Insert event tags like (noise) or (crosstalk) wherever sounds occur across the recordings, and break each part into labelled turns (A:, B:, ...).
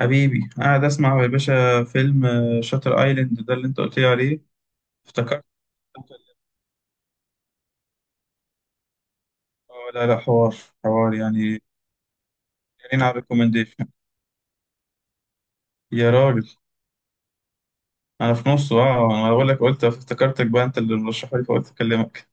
A: حبيبي، قاعد اسمع يا باشا فيلم شاتر ايلاند ده اللي انت قلت لي عليه. افتكرت. لا، لا، حوار. حوار يعني. جايين على الريكومنديشن. يا راجل. انا في نصه، انا بقول لك، قلت افتكرتك بقى انت اللي مرشحه لي، فقلت اكلمك.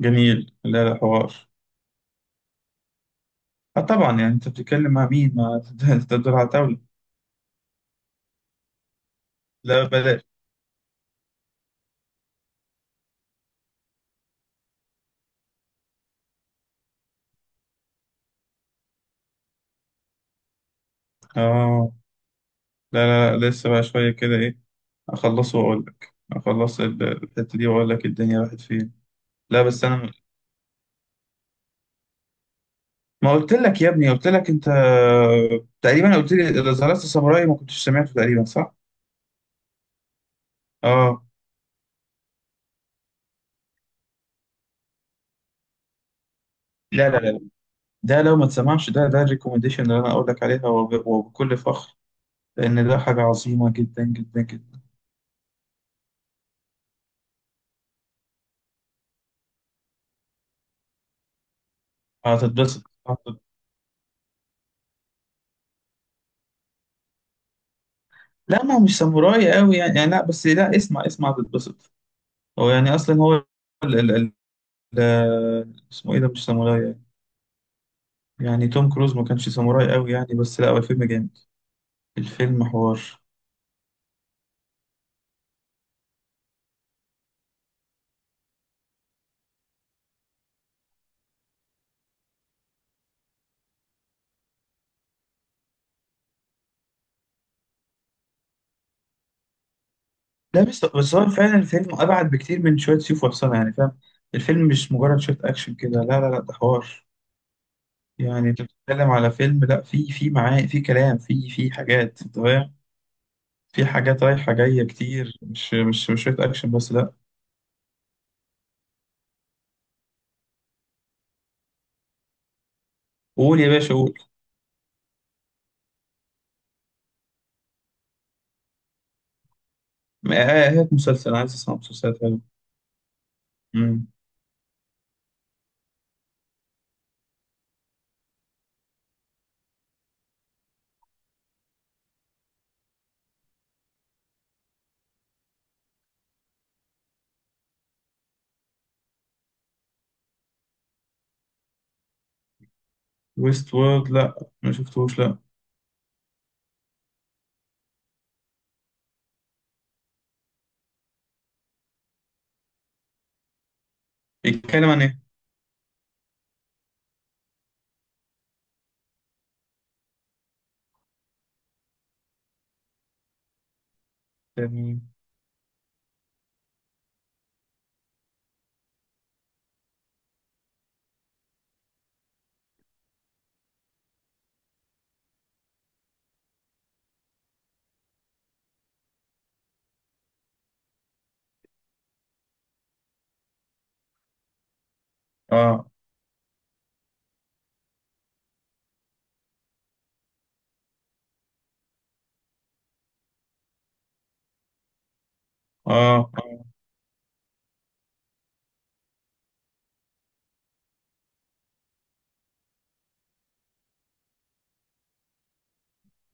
A: جميل. لا، لا، حوار. اه، طبعا، يعني انت بتتكلم مع مين؟ ما انت (laughs) دول عتاولة. لا بلاش. اه، لا، لا، لا، لسه بقى شويه كده ايه. اخلصه واقول لك، اخلص الحته دي واقول لك الدنيا راحت فين. لا، بس انا ما قلت لك يا ابني؟ قلت لك انت تقريبا قلت لي اذا زرعت ساموراي ما كنتش سمعته، تقريبا صح؟ اه، لا، لا، لا، ده لو ما تسمعش ده الريكومنديشن اللي انا اقول لك عليها، وبكل فخر. لان ده حاجه عظيمه جدا جدا جدا. هتتبسط هتتبسط. لا، ما هو مش ساموراي قوي يعني لا بس لا، اسمع اسمع، هتتبسط. هو يعني اصلا هو ال ال ال اسمه ايه؟ ده مش ساموراي يعني. يعني توم كروز ما كانش ساموراي قوي يعني، بس لا، هو الفيلم جامد. الفيلم حوار. لا، بس هو فعلا الفيلم أبعد بكتير من شوية سيف وحصانة، يعني فاهم؟ الفيلم مش مجرد شوية أكشن كده. لا، لا، لا، ده حوار. يعني أنت بتتكلم على فيلم، لا، في معاه، في كلام، في حاجات، أنت فاهم. في حاجات رايحة جاية كتير، مش شوية أكشن بس، لا. قول يا باشا قول. ما- هات مسلسل، عايز أسمع مسلسلات حلوة. أمم. ويست وورد، لا. ما شفتوش، لا. بيتكلم عن إيه؟ يعني آه آه آه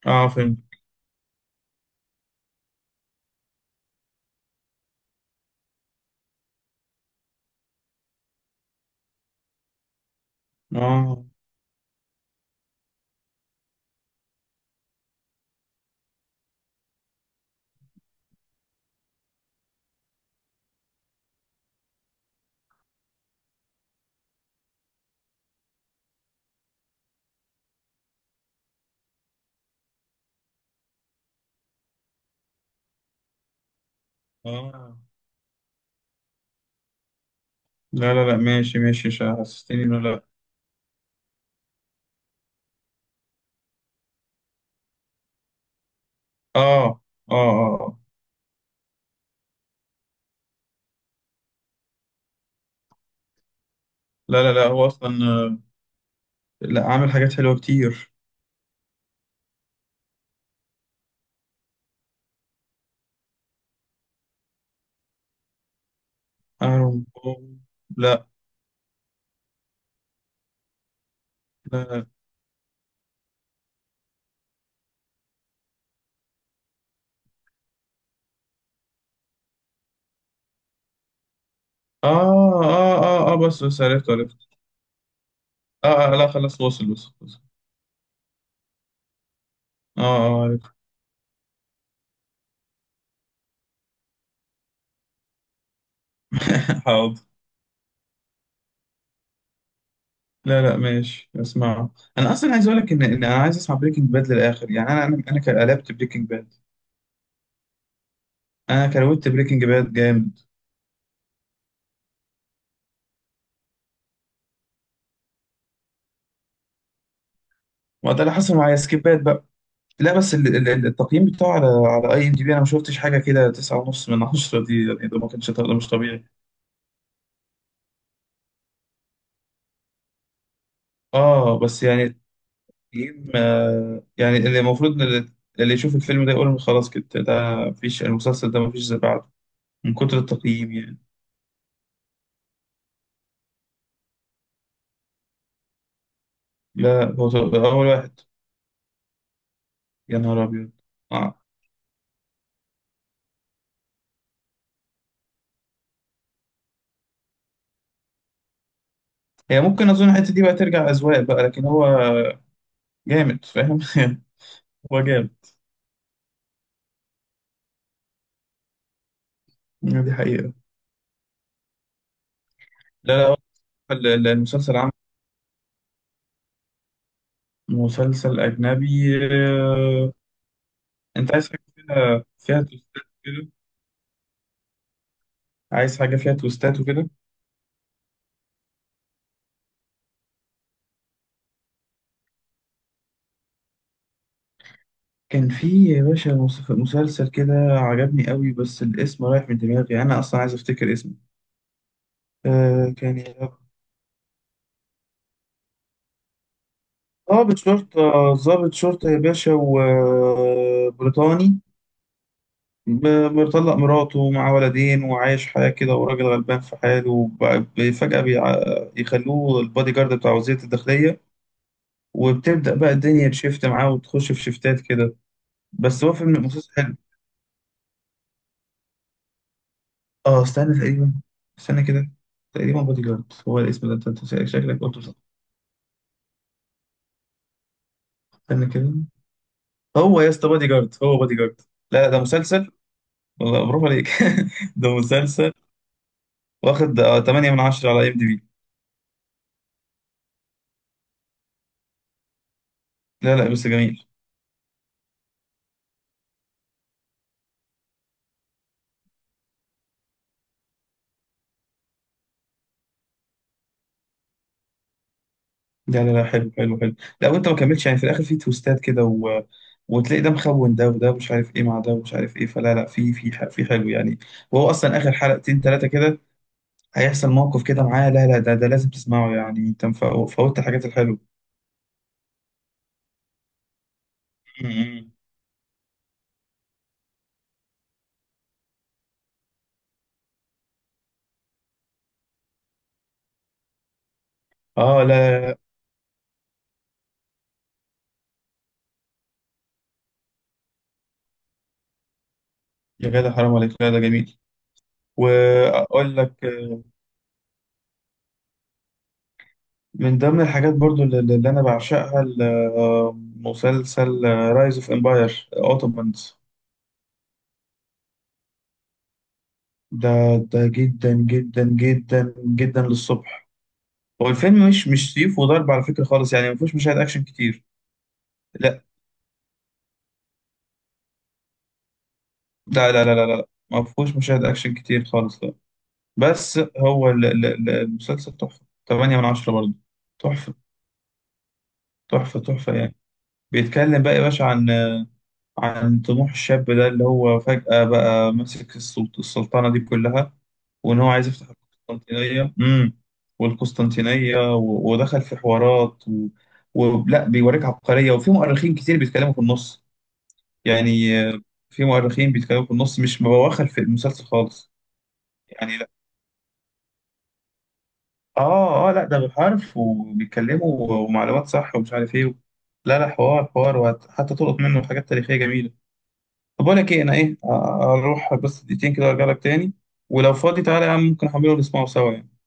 A: فيلم. آه، آه، لا، لا، لا، ماشي، ماشي، مش حسستني إنه، لا. اه، اه، اه، آه. لا، لا، لا، هو اصلا. لا عامل حاجات حلوه كتير. ايرون بوم. لا، لا، لا. اه، اه، اه، اه، بس عرفت عرفت. اه، آه، لا، خلاص، وصل وصل وصل. اه، اه، عرفت. (laughs) حاضر. لا، لا، ماشي، اسمعه. انا اصلا عايز اقول لك ان انا عايز اسمع بريكنج باد للاخر، يعني قلبت بريكنج باد. انا كروت بريكنج باد جامد. ما ده اللي حصل معايا، سكيبات بقى. لا، بس التقييم بتاعه على IMDB، انا ما شفتش حاجه كده. تسعة ونص من عشرة دي يعني، ده ما كانش، ده مش طبيعي. اه، بس يعني التقييم يعني، اللي المفروض إن اللي، اللي يشوف الفيلم ده يقول خلاص، كده ده مفيش، المسلسل ده مفيش زي بعده، من كتر التقييم يعني. لا هو ده اول واحد. يا نهار ابيض. اه. هي ممكن، اظن الحته دي بقى ترجع اذواق بقى، لكن هو جامد فاهم. (laughs) هو جامد. آه، دي حقيقه. لا، لا، هو المسلسل عامل. مسلسل اجنبي، آه. انت عايز حاجه فيها تويستات كده؟ عايز حاجه فيها تويستات وكده. كان في يا باشا مسلسل كده عجبني قوي، بس الاسم رايح من دماغي، انا اصلا عايز افتكر اسمه. آه كان يا رب- ضابط شرطة يا باشا، وبريطاني، مطلق مراته، مع ولدين، وعايش حياة كده، وراجل غلبان في حاله، فجأة يخلوه البادي جارد بتاع وزيرة الداخلية، وبتبدأ بقى الدنيا تشفت معاه، وتخش في شفتات كده. بس هو فيلم مسلسل. اه، استنى، تقريبا. استنى كده. تقريبا بودي جارد هو الاسم ده. انت شكلك قلته، صح؟ استنى كده. هو يا اسطى بودي جارد هو بودي جارد. لا، لا، ده مسلسل. والله برافو عليك. (laughs) ده مسلسل. واخد 8 من 10 على IMDB. لا، لا، بس جميل. لا، لا، لا، حلو، حلو، حلو. لا، وانت ما كملتش يعني، في الاخر في تويستات كده، و... وتلاقي ده مخون ده، وده مش عارف ايه مع ده، ومش عارف ايه، فلا، لا، في في حلو يعني. وهو اصلا اخر حلقتين ثلاثه كده هيحصل موقف كده معاه. لا، لا، ده لازم تسمعه يعني. انت فوتت الحاجات الحلوه. مم. اه، لا، يا جدع، حرام عليك، لا، ده جميل. واقول لك. من ضمن الحاجات برضو اللي انا بعشقها مسلسل رايز اوف امباير اوتومانز. ده ده جدا جدا جدا جدا للصبح. هو الفيلم مش سيف وضرب على فكرة خالص، يعني ما فيهوش مشاهد اكشن كتير. لا، لا، لا، لا، لا، لا، ما فيهوش مشاهد اكشن كتير خالص، لا. بس هو المسلسل تحفة. 8 من 10 برضو. تحفة. تحفة تحفة يعني. بيتكلم بقى يا باشا عن عن طموح الشاب ده اللي هو فجأة بقى ماسك السلطنة دي كلها، وإن هو عايز يفتح القسطنطينية. والقسطنطينية ودخل في حوارات. ولا بيوريك عبقرية، وفي مؤرخين كتير بيتكلموا في النص، يعني في مؤرخين بيتكلموا في النص، مش مبواخر في المسلسل خالص يعني. لا، آه، آه، لا، ده بالحرف، وبيتكلموا، ومعلومات صح، ومش عارف إيه. لا، لا، حوار، حوار، وحتى تلقط منه حاجات تاريخية جميلة. طب بقول لك ايه، انا ايه آه، اروح بس دقيقتين كده وارجع لك تاني. ولو فاضي تعالى يا عم، ممكن احمله ونسمعه سوا يعني.